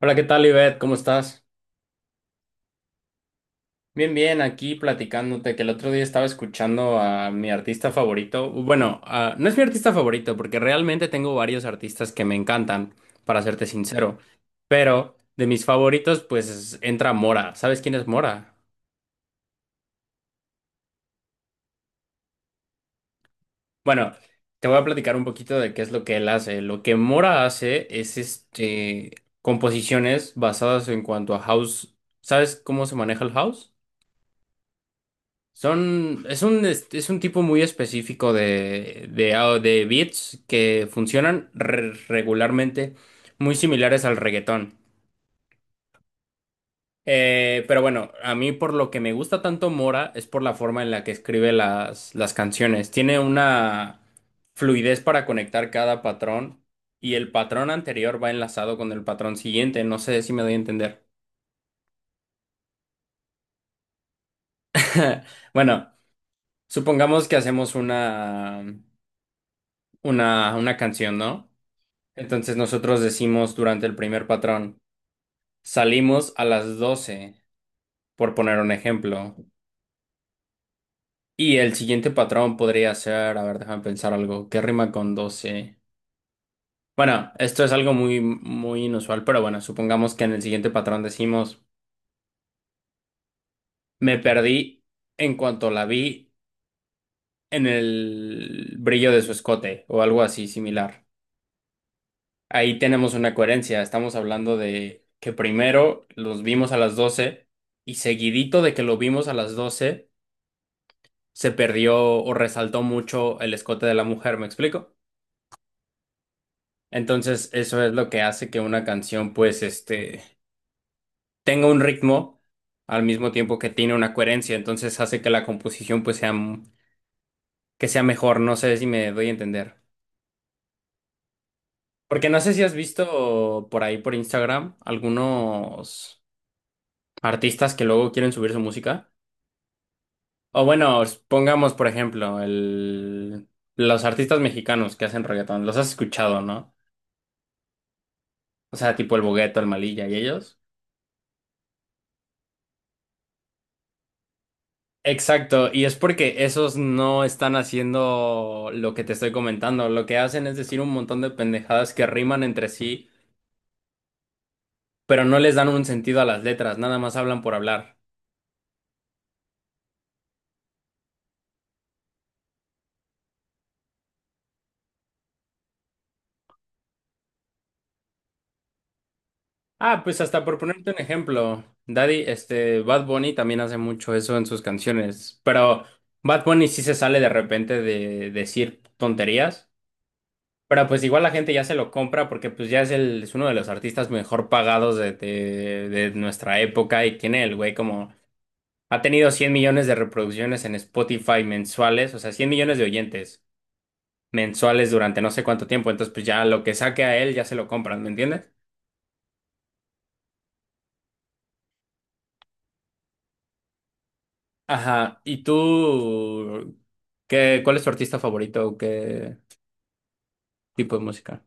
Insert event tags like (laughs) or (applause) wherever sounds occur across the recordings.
Hola, ¿qué tal, Ivette? ¿Cómo estás? Bien, bien, aquí platicándote que el otro día estaba escuchando a mi artista favorito. Bueno, no es mi artista favorito porque realmente tengo varios artistas que me encantan, para serte sincero. Pero de mis favoritos, pues entra Mora. ¿Sabes quién es Mora? Bueno, te voy a platicar un poquito de qué es lo que él hace. Lo que Mora hace es composiciones basadas en cuanto a house. ¿Sabes cómo se maneja el house? Son, es un, este, es un tipo muy específico de beats que funcionan regularmente muy similares al reggaetón. Pero bueno, a mí por lo que me gusta tanto Mora es por la forma en la que escribe las canciones. Tiene una fluidez para conectar cada patrón y el patrón anterior va enlazado con el patrón siguiente. No sé si me doy a entender. (laughs) Bueno, supongamos que hacemos una canción, ¿no? Entonces nosotros decimos durante el primer patrón, salimos a las 12, por poner un ejemplo. Y el siguiente patrón podría ser, a ver, déjame pensar algo, ¿qué rima con 12? Bueno, esto es algo muy, muy inusual, pero bueno, supongamos que en el siguiente patrón decimos, me perdí en cuanto la vi en el brillo de su escote o algo así similar. Ahí tenemos una coherencia. Estamos hablando de que primero los vimos a las 12 y seguidito de que lo vimos a las 12 se perdió o resaltó mucho el escote de la mujer, ¿me explico? Entonces eso es lo que hace que una canción pues tenga un ritmo al mismo tiempo que tiene una coherencia. Entonces hace que la composición pues que sea mejor. No sé si me doy a entender. Porque no sé si has visto por ahí por Instagram algunos artistas que luego quieren subir su música. O bueno, pongamos por ejemplo los artistas mexicanos que hacen reggaetón, los has escuchado, ¿no? O sea, tipo el Bogueto, el Malilla y ellos. Exacto, y es porque esos no están haciendo lo que te estoy comentando. Lo que hacen es decir un montón de pendejadas que riman entre sí, pero no les dan un sentido a las letras, nada más hablan por hablar. Ah, pues hasta por ponerte un ejemplo, Bad Bunny también hace mucho eso en sus canciones, pero Bad Bunny sí se sale de repente de decir tonterías. Pero pues igual la gente ya se lo compra porque pues ya es uno de los artistas mejor pagados de nuestra época y tiene el güey como... Ha tenido 100 millones de reproducciones en Spotify mensuales, o sea, 100 millones de oyentes mensuales durante no sé cuánto tiempo, entonces pues ya lo que saque a él ya se lo compran, ¿me entiendes? Ajá, ¿y tú cuál es tu artista favorito o qué tipo de música?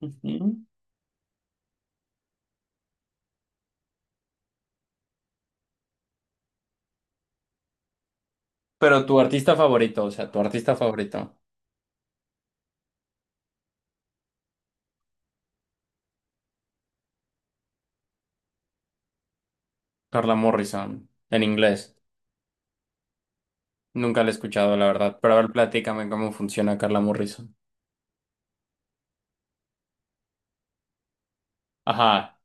Ujú. Pero tu artista favorito, o sea, tu artista favorito, Carla Morrison, en inglés. Nunca la he escuchado, la verdad. Pero a ver, platícame cómo funciona Carla Morrison. Ajá.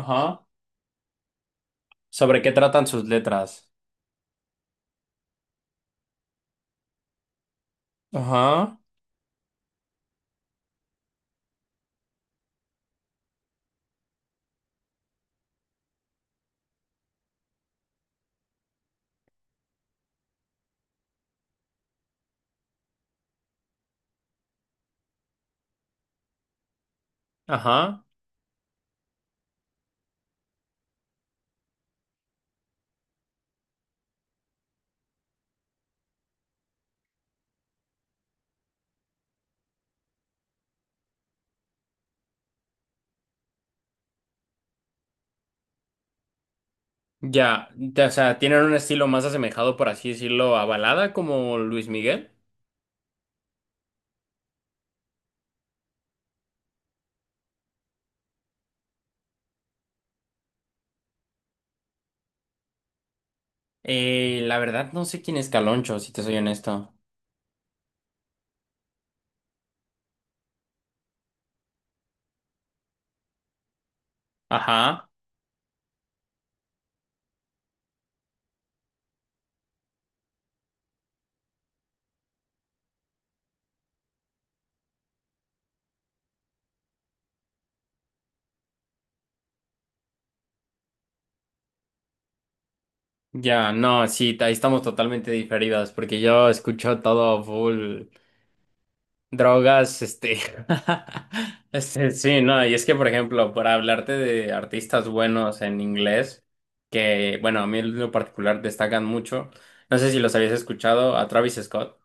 Ajá. ¿Sobre qué tratan sus letras? Ajá. Ajá. Ya, ya, o sea, ¿tienen un estilo más asemejado, por así decirlo, a balada como Luis Miguel? La verdad no sé quién es Caloncho, si te soy honesto. Ajá. Ya, no, sí, ahí estamos totalmente diferidas, porque yo escucho todo full. Drogas, (laughs) sí, no, y es que, por ejemplo, para hablarte de artistas buenos en inglés, que, bueno, a mí en lo particular destacan mucho, no sé si los habías escuchado, a Travis Scott,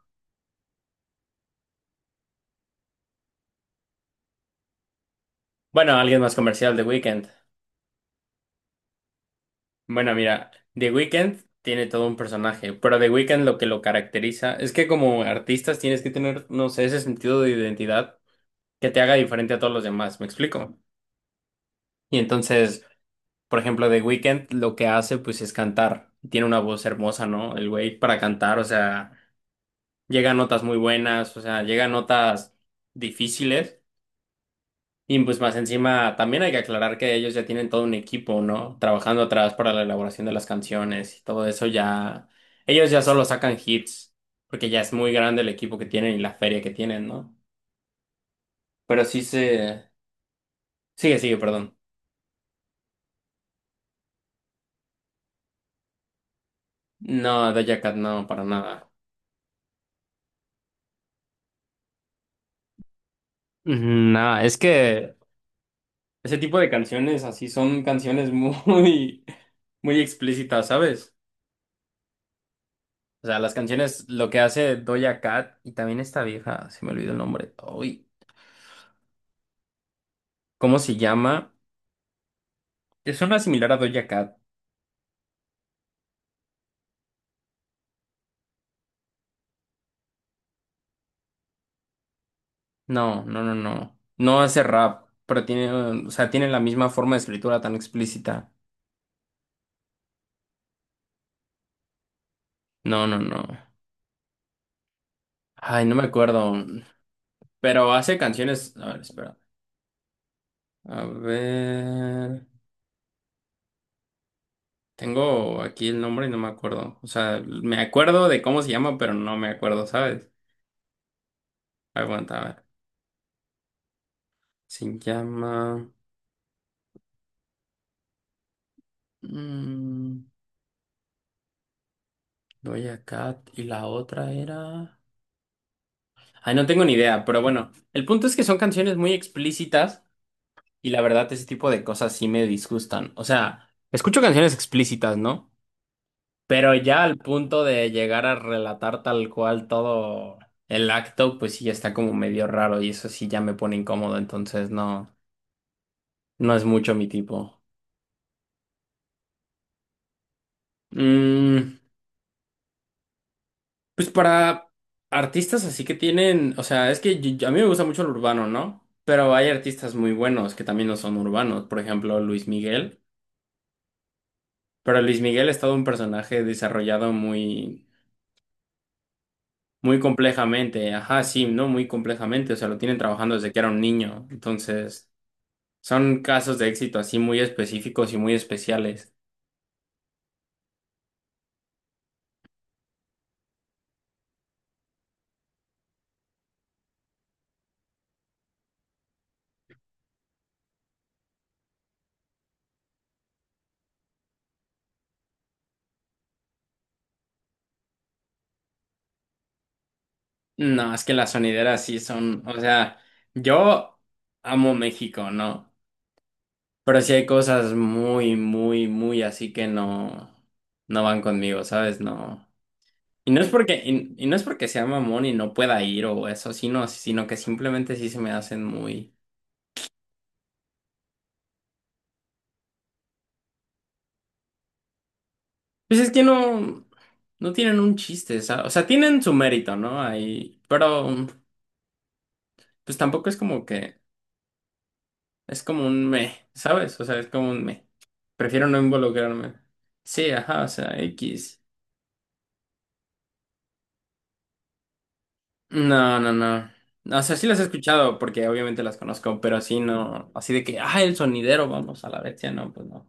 bueno, alguien más comercial, The Weeknd. Bueno, mira, The Weeknd tiene todo un personaje, pero The Weeknd lo que lo caracteriza es que como artistas tienes que tener, no sé, ese sentido de identidad que te haga diferente a todos los demás, ¿me explico? Y entonces... Por ejemplo, The Weeknd lo que hace pues es cantar. Tiene una voz hermosa, ¿no? El güey para cantar, o sea, llega a notas muy buenas, o sea, llega a notas difíciles. Y pues más encima también hay que aclarar que ellos ya tienen todo un equipo, ¿no? Trabajando atrás para la elaboración de las canciones y todo eso ya. Ellos ya solo sacan hits, porque ya es muy grande el equipo que tienen y la feria que tienen, ¿no? Pero sí se. Sigue, sigue, perdón. No, Doja Cat no, para nada. Ujú. No, es que ese tipo de canciones así son canciones (laughs) muy, muy explícitas, ¿sabes? O sea, las canciones, lo que hace Doja Cat y también esta vieja, se me olvidó el nombre. Uy, ¿cómo se llama? Es una similar a Doja Cat. No, no, no, no. No hace rap, pero tiene, o sea, tiene la misma forma de escritura tan explícita. No, no, no. Ay, no me acuerdo. Pero hace canciones. A ver, espera. A ver. Tengo aquí el nombre y no me acuerdo. O sea, me acuerdo de cómo se llama, pero no me acuerdo, ¿sabes? Aguanta, a ver. Se llama. mm, Doja Cat y la otra era. Ay, no tengo ni idea, pero bueno. El punto es que son canciones muy explícitas y la verdad ese tipo de cosas sí me disgustan. O sea, escucho canciones explícitas, ¿no? Pero ya al punto de llegar a relatar tal cual todo el acto, pues sí ya está como medio raro y eso sí ya me pone incómodo, entonces no. No es mucho mi tipo. Mm, pues para artistas así que tienen, o sea, es que a mí me gusta mucho el urbano, ¿no? Pero hay artistas muy buenos que también no son urbanos, por ejemplo, Luis Miguel. Pero Luis Miguel es todo un personaje desarrollado muy, muy complejamente. Ajá, sí, ¿no? Muy complejamente. O sea, lo tienen trabajando desde que era un niño. Entonces, son casos de éxito así muy específicos y muy especiales. No, es que las sonideras sí son, o sea, yo amo México, ¿no? Pero sí hay cosas muy, muy, muy así que no, no van conmigo, ¿sabes? No. Y no es porque, y no es porque sea mamón y no pueda ir o eso, sino que simplemente sí se me hacen muy. Pues es que no tienen un chiste, ¿sabes? O sea, tienen su mérito, ¿no? Ahí, pero pues tampoco es como que, es como un me, ¿sabes? O sea, es como un me. Prefiero no involucrarme. Sí, ajá, o sea, X. No, no, no. O sea, sí las he escuchado porque obviamente las conozco, pero así no. Así de que, el sonidero, vamos a la bestia, no, pues no.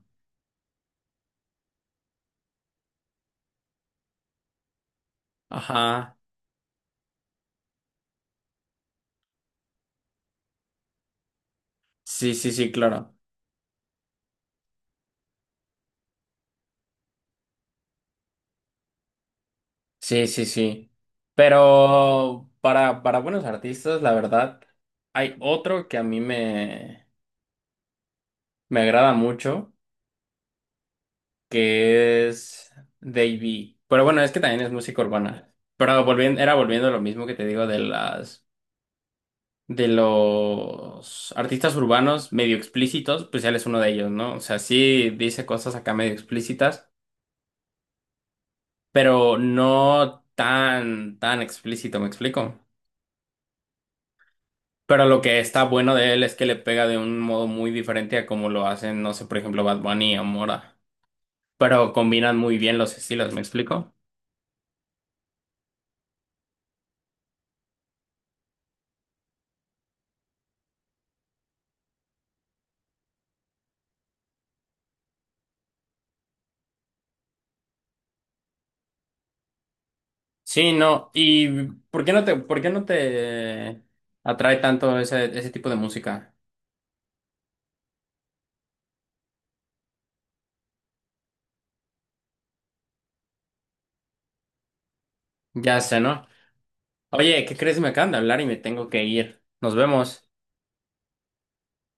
Ajá. Sí, sí, sí, claro. Sí, sí, sí. Pero para buenos artistas, la verdad, hay otro que a mí me agrada mucho, que es Davey. Pero bueno, es que también es música urbana. Pero volviendo a lo mismo que te digo de los artistas urbanos medio explícitos, pues él es uno de ellos, ¿no? O sea, sí dice cosas acá medio explícitas, pero no tan, tan explícito, ¿me explico? Pero lo que está bueno de él es que le pega de un modo muy diferente a como lo hacen, no sé, por ejemplo, Bad Bunny o Mora. Pero combinan muy bien los estilos, ¿me explico? Sí, no. ¿Y por qué no te atrae tanto ese tipo de música? Ya sé, ¿no? Oye, ¿qué crees? Me acaban de hablar y me tengo que ir. Nos vemos.